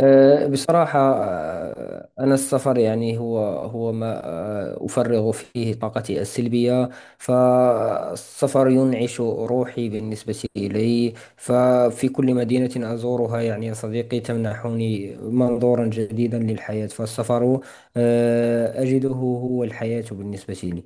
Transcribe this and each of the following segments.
بصراحة، أنا السفر يعني هو ما أفرغ فيه طاقتي السلبية. فالسفر ينعش روحي بالنسبة إلي، ففي كل مدينة أزورها يعني يا صديقي تمنحني منظورا جديدا للحياة. فالسفر أجده هو الحياة بالنسبة لي.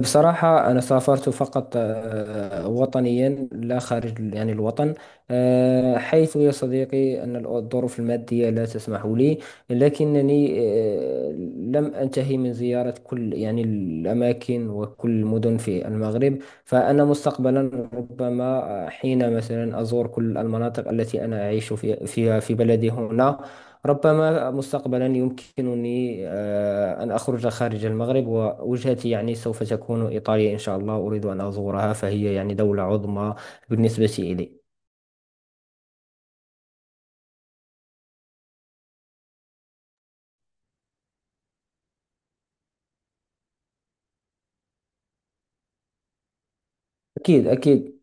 بصراحة أنا سافرت فقط وطنيا، لا خارج يعني الوطن. حيث يا صديقي أن الظروف المادية لا تسمح لي، لكنني لم أنتهي من زيارة كل يعني الأماكن وكل المدن في المغرب. فأنا مستقبلا ربما حين مثلا أزور كل المناطق التي أنا أعيش فيها في بلدي هنا. ربما مستقبلا يمكنني أن أخرج خارج المغرب، ووجهتي يعني سوف تكون إيطاليا إن شاء الله. أريد أن أزورها، فهي يعني دولة عظمى بالنسبة إلي. أكيد أكيد.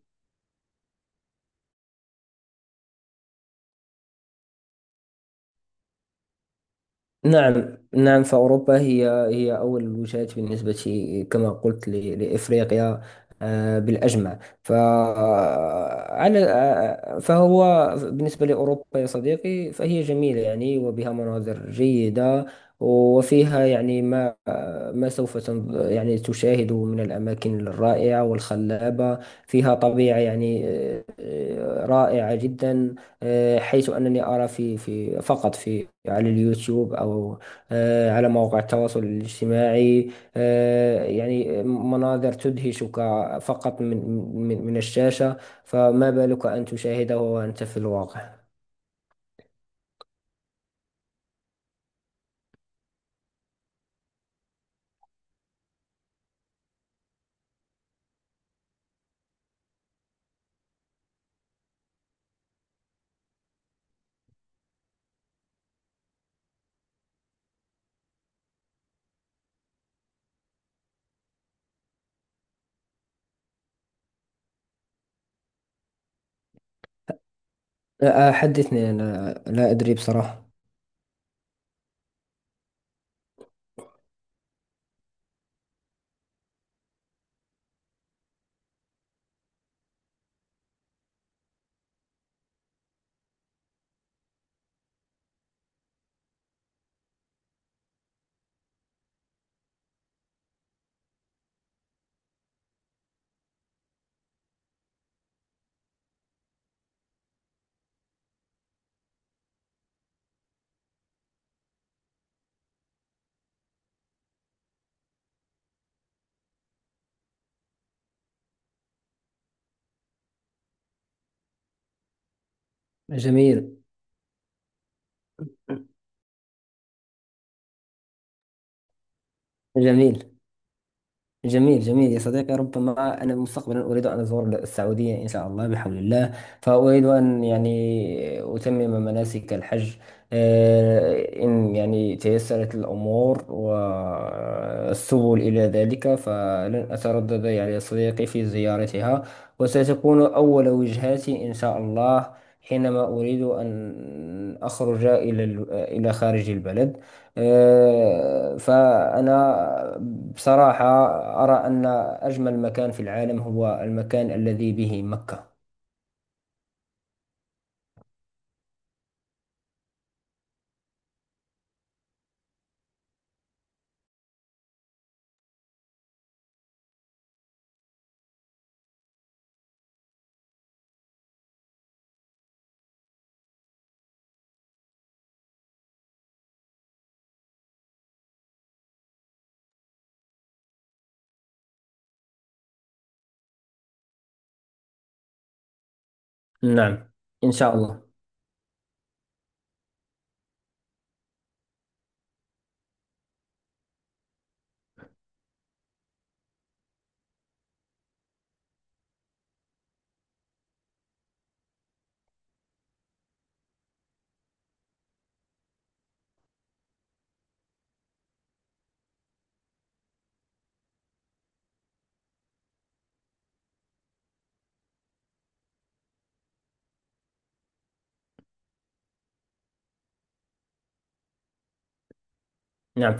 نعم نعم، فأوروبا هي أول الوجهات، بالنسبة كما قلت لإفريقيا بالأجمع. فهو بالنسبة لأوروبا يا صديقي، فهي جميلة يعني وبها مناظر جيدة، وفيها يعني ما سوف يعني تشاهده من الأماكن الرائعة والخلابة. فيها طبيعة يعني رائعة جدا. حيث أنني أرى في فقط في على اليوتيوب أو على مواقع التواصل الاجتماعي، يعني مناظر تدهشك فقط من من الشاشة. فما بالك أن تشاهده وأنت في الواقع. حدثني، أنا لا أدري بصراحة. جميل جميل جميل جميل يا صديقي، ربما أنا مستقبلا أريد أن أزور السعودية إن شاء الله بحول الله. فأريد أن يعني أتمم مناسك الحج. إن يعني تيسرت الأمور والسبل إلى ذلك، فلن أتردد يعني يا صديقي في زيارتها، وستكون أول وجهاتي إن شاء الله حينما أريد أن أخرج إلى إلى خارج البلد. فأنا بصراحة أرى أن أجمل مكان في العالم هو المكان الذي به مكة. نعم، إن شاء الله. نعم،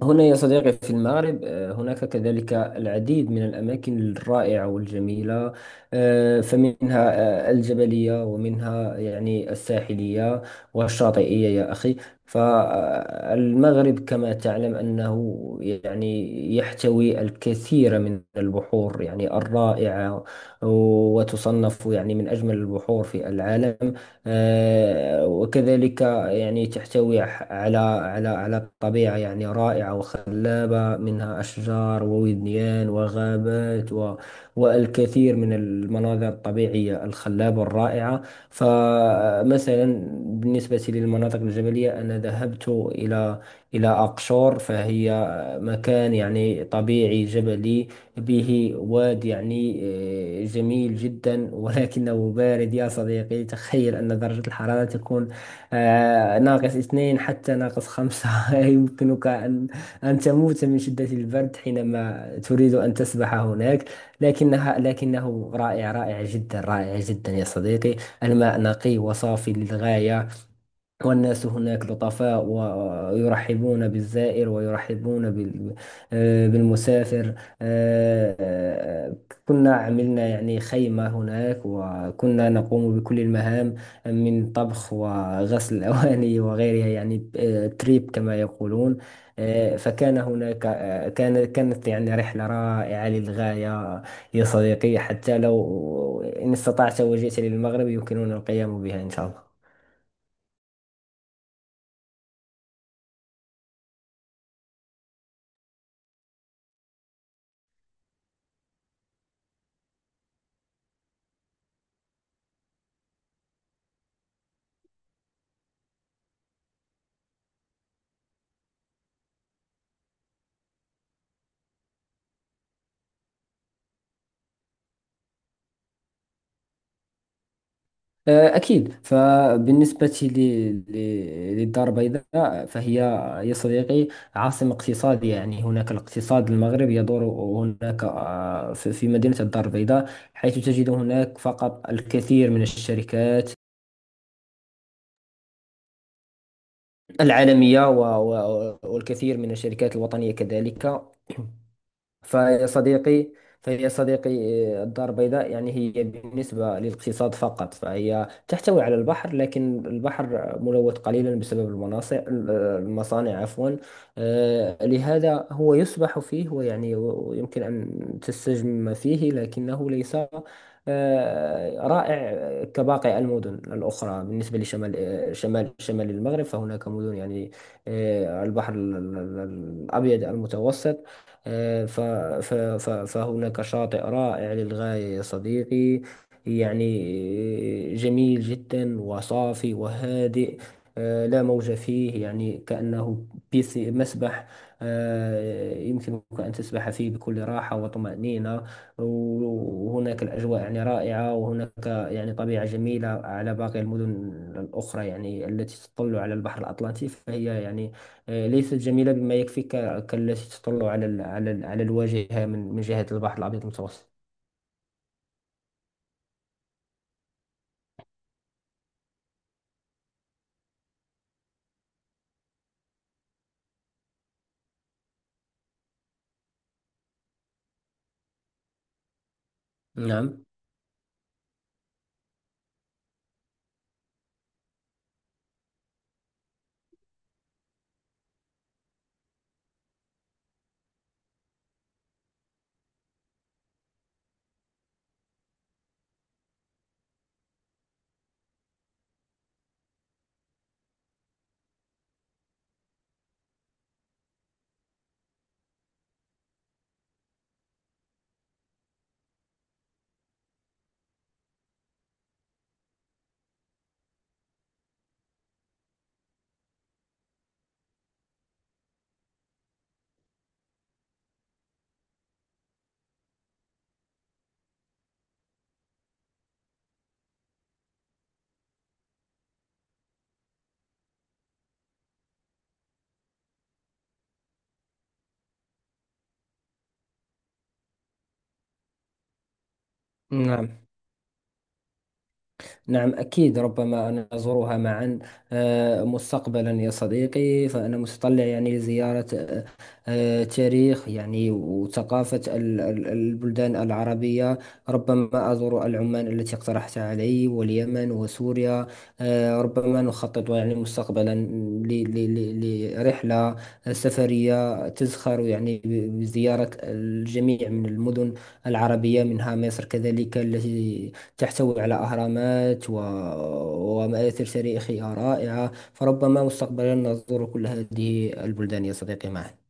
فهنا يا صديقي في المغرب هناك كذلك العديد من الأماكن الرائعة والجميلة، فمنها الجبلية، ومنها يعني الساحلية والشاطئية يا أخي. فالمغرب كما تعلم أنه يعني يحتوي الكثير من البحور يعني الرائعة، وتصنف يعني من أجمل البحور في العالم. وكذلك يعني تحتوي على طبيعة يعني رائعة وخلابة، منها أشجار ووديان وغابات والكثير من المناظر الطبيعية الخلابة الرائعة. فمثلا بالنسبة للمناطق الجبلية أنا ذهبت إلى أقشور. فهي مكان يعني طبيعي جبلي، به واد يعني جميل جدا ولكنه بارد يا صديقي. تخيل أن درجة الحرارة تكون -2 حتى -5. يمكنك أن تموت من شدة البرد حينما تريد أن تسبح هناك. لكنه رائع، رائع جدا، رائع جدا يا صديقي. الماء نقي وصافي للغاية، والناس هناك لطفاء ويرحبون بالزائر، ويرحبون بالمسافر. آه، آه، كنا عملنا يعني خيمة هناك، وكنا نقوم بكل المهام من طبخ وغسل الأواني وغيرها، يعني تريب كما يقولون. فكان هناك كانت يعني رحلة رائعة للغاية يا صديقي. حتى لو إن استطعت وجئت للمغرب يمكننا القيام بها إن شاء الله. أكيد، فبالنسبة للدار البيضاء، فهي يا صديقي عاصمة اقتصاد يعني. هناك الاقتصاد المغرب يدور هناك، في مدينة الدار البيضاء، حيث تجد هناك فقط الكثير من الشركات العالمية والكثير من الشركات الوطنية كذلك. فيا صديقي فيا صديقي، الدار البيضاء يعني هي بالنسبة للاقتصاد فقط. فهي تحتوي على البحر، لكن البحر ملوث قليلا بسبب المناصع، المصانع عفوا. لهذا هو يسبح فيه، ويعني يمكن أن تستجم فيه، لكنه ليس رائع كباقي المدن الأخرى. بالنسبة لشمال، شمال شمال المغرب، فهناك مدن يعني البحر الأبيض المتوسط. آه، ف- فهناك شاطئ رائع للغاية يا صديقي، يعني جميل جدا، وصافي وهادئ. لا موج فيه، يعني كأنه بيس مسبح. يمكنك أن تسبح فيه بكل راحة وطمأنينة. وهناك الأجواء يعني رائعة، وهناك يعني طبيعة جميلة على باقي المدن الأخرى، يعني التي تطل على البحر الأطلنطي، فهي يعني ليست جميلة بما يكفي كالتي تطل على الواجهة من جهة البحر الأبيض المتوسط. نعم نعم نعم، أكيد، ربما أن نزورها معا مستقبلا يا صديقي. فأنا متطلع يعني لزيارة تاريخ يعني وثقافة البلدان العربية. ربما أزور العمان التي اقترحت علي، واليمن، وسوريا. ربما نخطط يعني مستقبلا لرحلة سفرية تزخر يعني بزيارة الجميع من المدن العربية، منها مصر كذلك التي تحتوي على أهرامات ومآثر تاريخية رائعة. فربما مستقبلا نزور كل هذه البلدان يا صديقي معا.